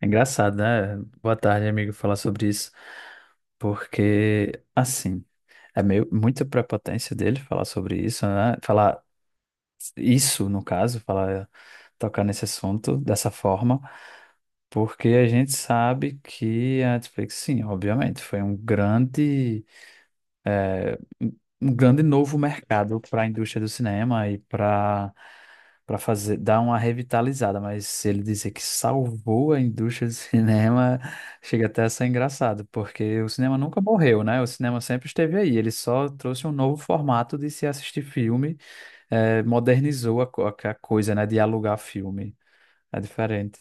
É engraçado, né? Boa tarde, amigo, falar sobre isso, porque, assim, é meio muita prepotência dele falar sobre isso, né? Falar isso, no caso, falar, tocar nesse assunto dessa forma, porque a gente sabe que a Netflix, sim, obviamente, foi um grande é, um grande novo mercado para a indústria do cinema e para fazer dar uma revitalizada, mas se ele dizer que salvou a indústria do cinema, chega até a ser engraçado, porque o cinema nunca morreu, né? O cinema sempre esteve aí, ele só trouxe um novo formato de se assistir filme, modernizou a coisa, né? De alugar filme. É diferente.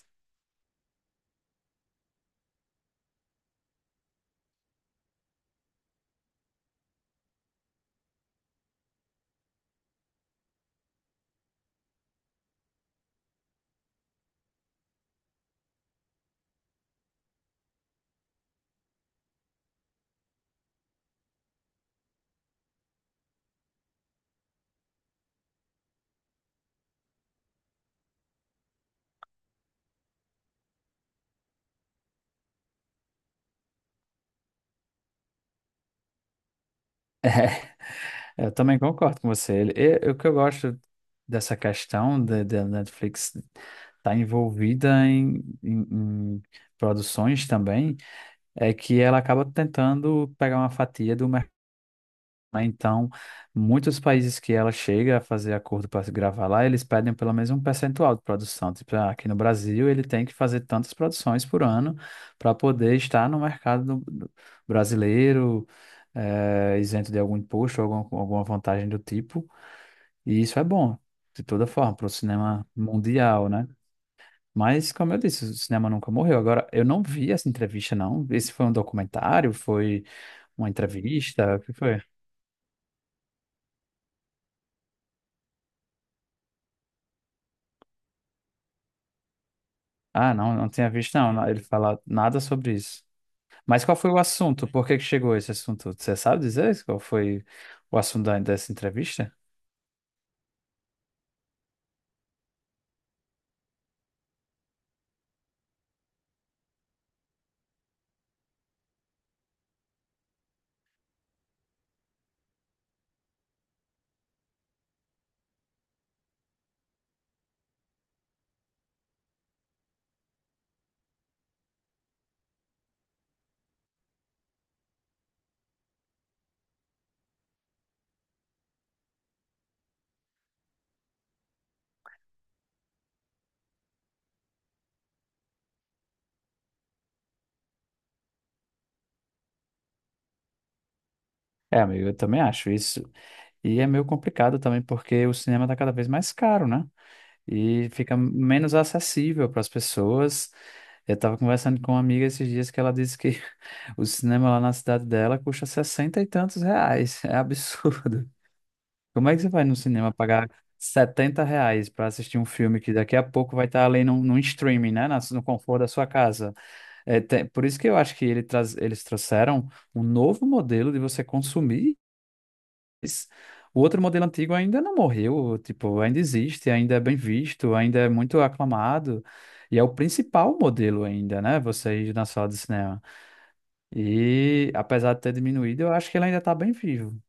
Eu também concordo com você. O que eu gosto dessa questão da Netflix estar envolvida em- em produções também é que ela acaba tentando pegar uma fatia do mercado, né? Então, muitos países que ela chega a fazer acordo para gravar lá, eles pedem pelo menos um percentual de produção. Tipo, ah, aqui no Brasil, ele tem que fazer tantas produções por ano para poder estar no mercado brasileiro, isento de algum imposto, alguma, alguma vantagem do tipo. E isso é bom, de toda forma, para o cinema mundial, né? Mas, como eu disse, o cinema nunca morreu. Agora, eu não vi essa entrevista, não. Esse foi um documentário? Foi uma entrevista? O que foi? Ah, não, não tinha visto, não. Ele fala nada sobre isso. Mas qual foi o assunto? Por que que chegou esse assunto? Você sabe dizer qual foi o assunto dessa entrevista? É, amigo, eu também acho isso. E é meio complicado também, porque o cinema está cada vez mais caro, né? E fica menos acessível para as pessoas. Eu estava conversando com uma amiga esses dias que ela disse que o cinema lá na cidade dela custa 60 e tantos reais. É absurdo. Como é que você vai no cinema pagar 70 reais para assistir um filme que daqui a pouco vai estar ali num, num streaming, né? No conforto da sua casa. Por isso que eu acho que ele traz, eles trouxeram um novo modelo de você consumir, mas o outro modelo antigo ainda não morreu, tipo, ainda existe, ainda é bem visto, ainda é muito aclamado, e é o principal modelo ainda, né? Você ir na sala de cinema. E apesar de ter diminuído, eu acho que ele ainda está bem vivo.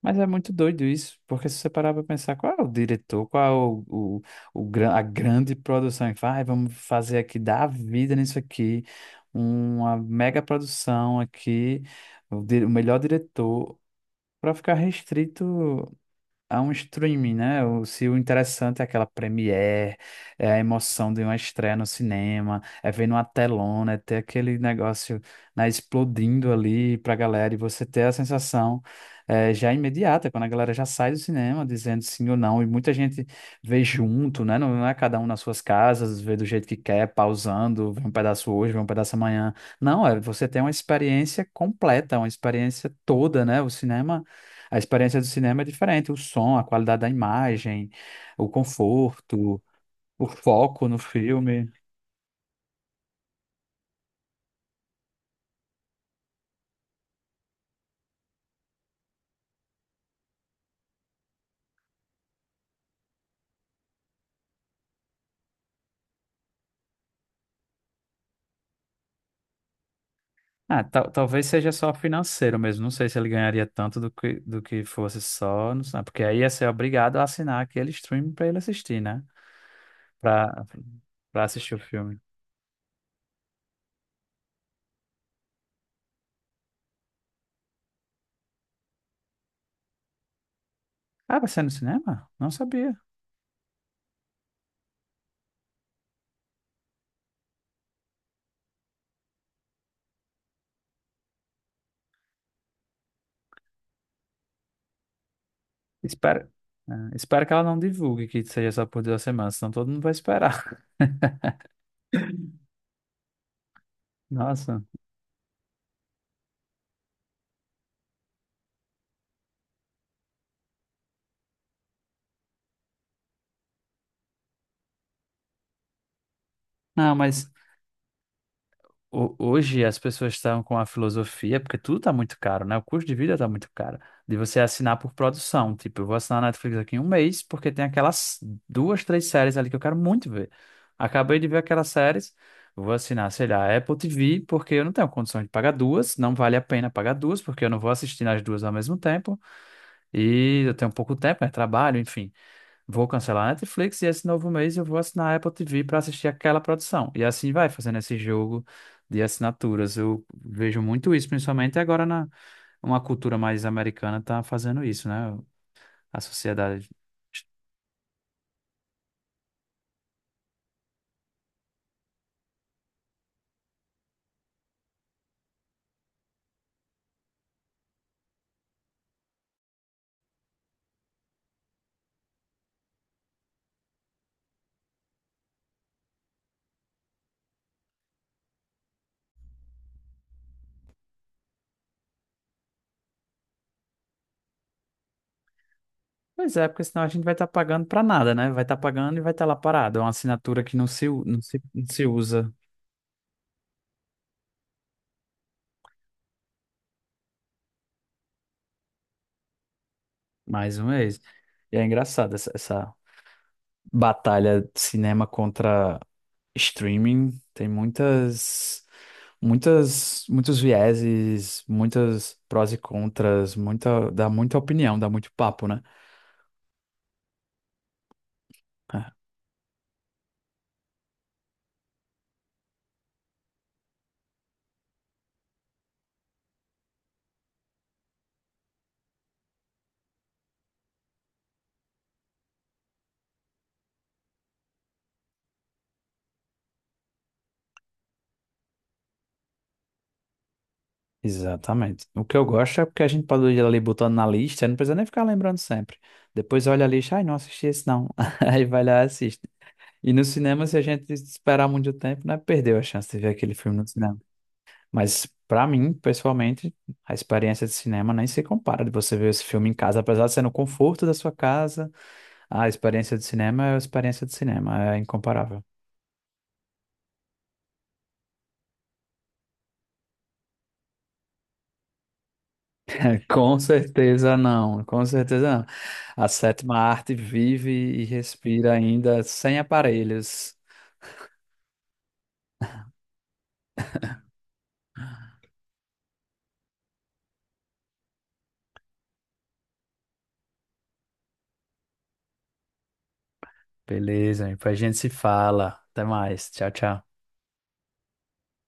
Mas é muito doido isso, porque se você parar para pensar qual é o diretor, qual é o, a grande produção que faz: "Ai, vamos fazer aqui, dar a vida nisso aqui, uma mega produção aqui, o melhor diretor, para ficar restrito a um streaming, né?" O, se o interessante é aquela premiere, é a emoção de uma estreia no cinema, é ver numa telona, é ter aquele negócio, né, explodindo ali pra galera e você ter a sensação já imediata, quando a galera já sai do cinema dizendo sim ou não, e muita gente vê junto, né? Não é cada um nas suas casas, vê do jeito que quer, pausando, vê um pedaço hoje, vê um pedaço amanhã. Não, é, você tem uma experiência completa, uma experiência toda, né? O cinema. A experiência do cinema é diferente: o som, a qualidade da imagem, o conforto, o foco no filme. Ah, talvez seja só financeiro mesmo. Não sei se ele ganharia tanto do que fosse só, não sei, porque aí ia ser obrigado a assinar aquele stream para ele assistir, né? Para para assistir o filme. Ah, vai ser no cinema? Não sabia. Espero, ah, espero que ela não divulgue que seja só por 2 semanas, senão todo mundo vai esperar. Nossa. Não, mas hoje as pessoas estão com a filosofia, porque tudo está muito caro, né? O custo de vida está muito caro. De você assinar por produção. Tipo, eu vou assinar a Netflix aqui em um mês, porque tem aquelas duas, três séries ali que eu quero muito ver. Acabei de ver aquelas séries, vou assinar, sei lá, a Apple TV, porque eu não tenho condição de pagar duas, não vale a pena pagar duas, porque eu não vou assistir nas duas ao mesmo tempo. E eu tenho pouco tempo, né? Trabalho, enfim. Vou cancelar a Netflix e esse novo mês eu vou assinar a Apple TV para assistir aquela produção. E assim vai, fazendo esse jogo de assinaturas. Eu vejo muito isso, principalmente agora na uma cultura mais americana tá fazendo isso, né? A sociedade. Pois é, porque senão a gente vai estar pagando para nada, né? Vai estar pagando e vai estar lá parado. É uma assinatura que não se, u- não se, não se usa mais um mês. E é engraçado essa, essa batalha de cinema contra streaming. Tem muitas, muitas, muitos vieses, muitas prós e contras, muita, dá muita opinião, dá muito papo, né? É, exatamente. O que eu gosto é porque a gente pode ir ali botando na lista, não precisa nem ficar lembrando sempre. Depois olha a lista: ai, não assisti esse não. Aí vai lá e assiste. E no cinema, se a gente esperar muito tempo, né, perdeu a chance de ver aquele filme no cinema. Mas pra mim, pessoalmente, a experiência de cinema nem se compara de você ver esse filme em casa, apesar de ser no conforto da sua casa. A experiência de cinema é a experiência de cinema, é incomparável. Com certeza não, com certeza não. A sétima arte vive e respira ainda sem aparelhos. Beleza, amigo, a gente se fala. Até mais. Tchau, tchau.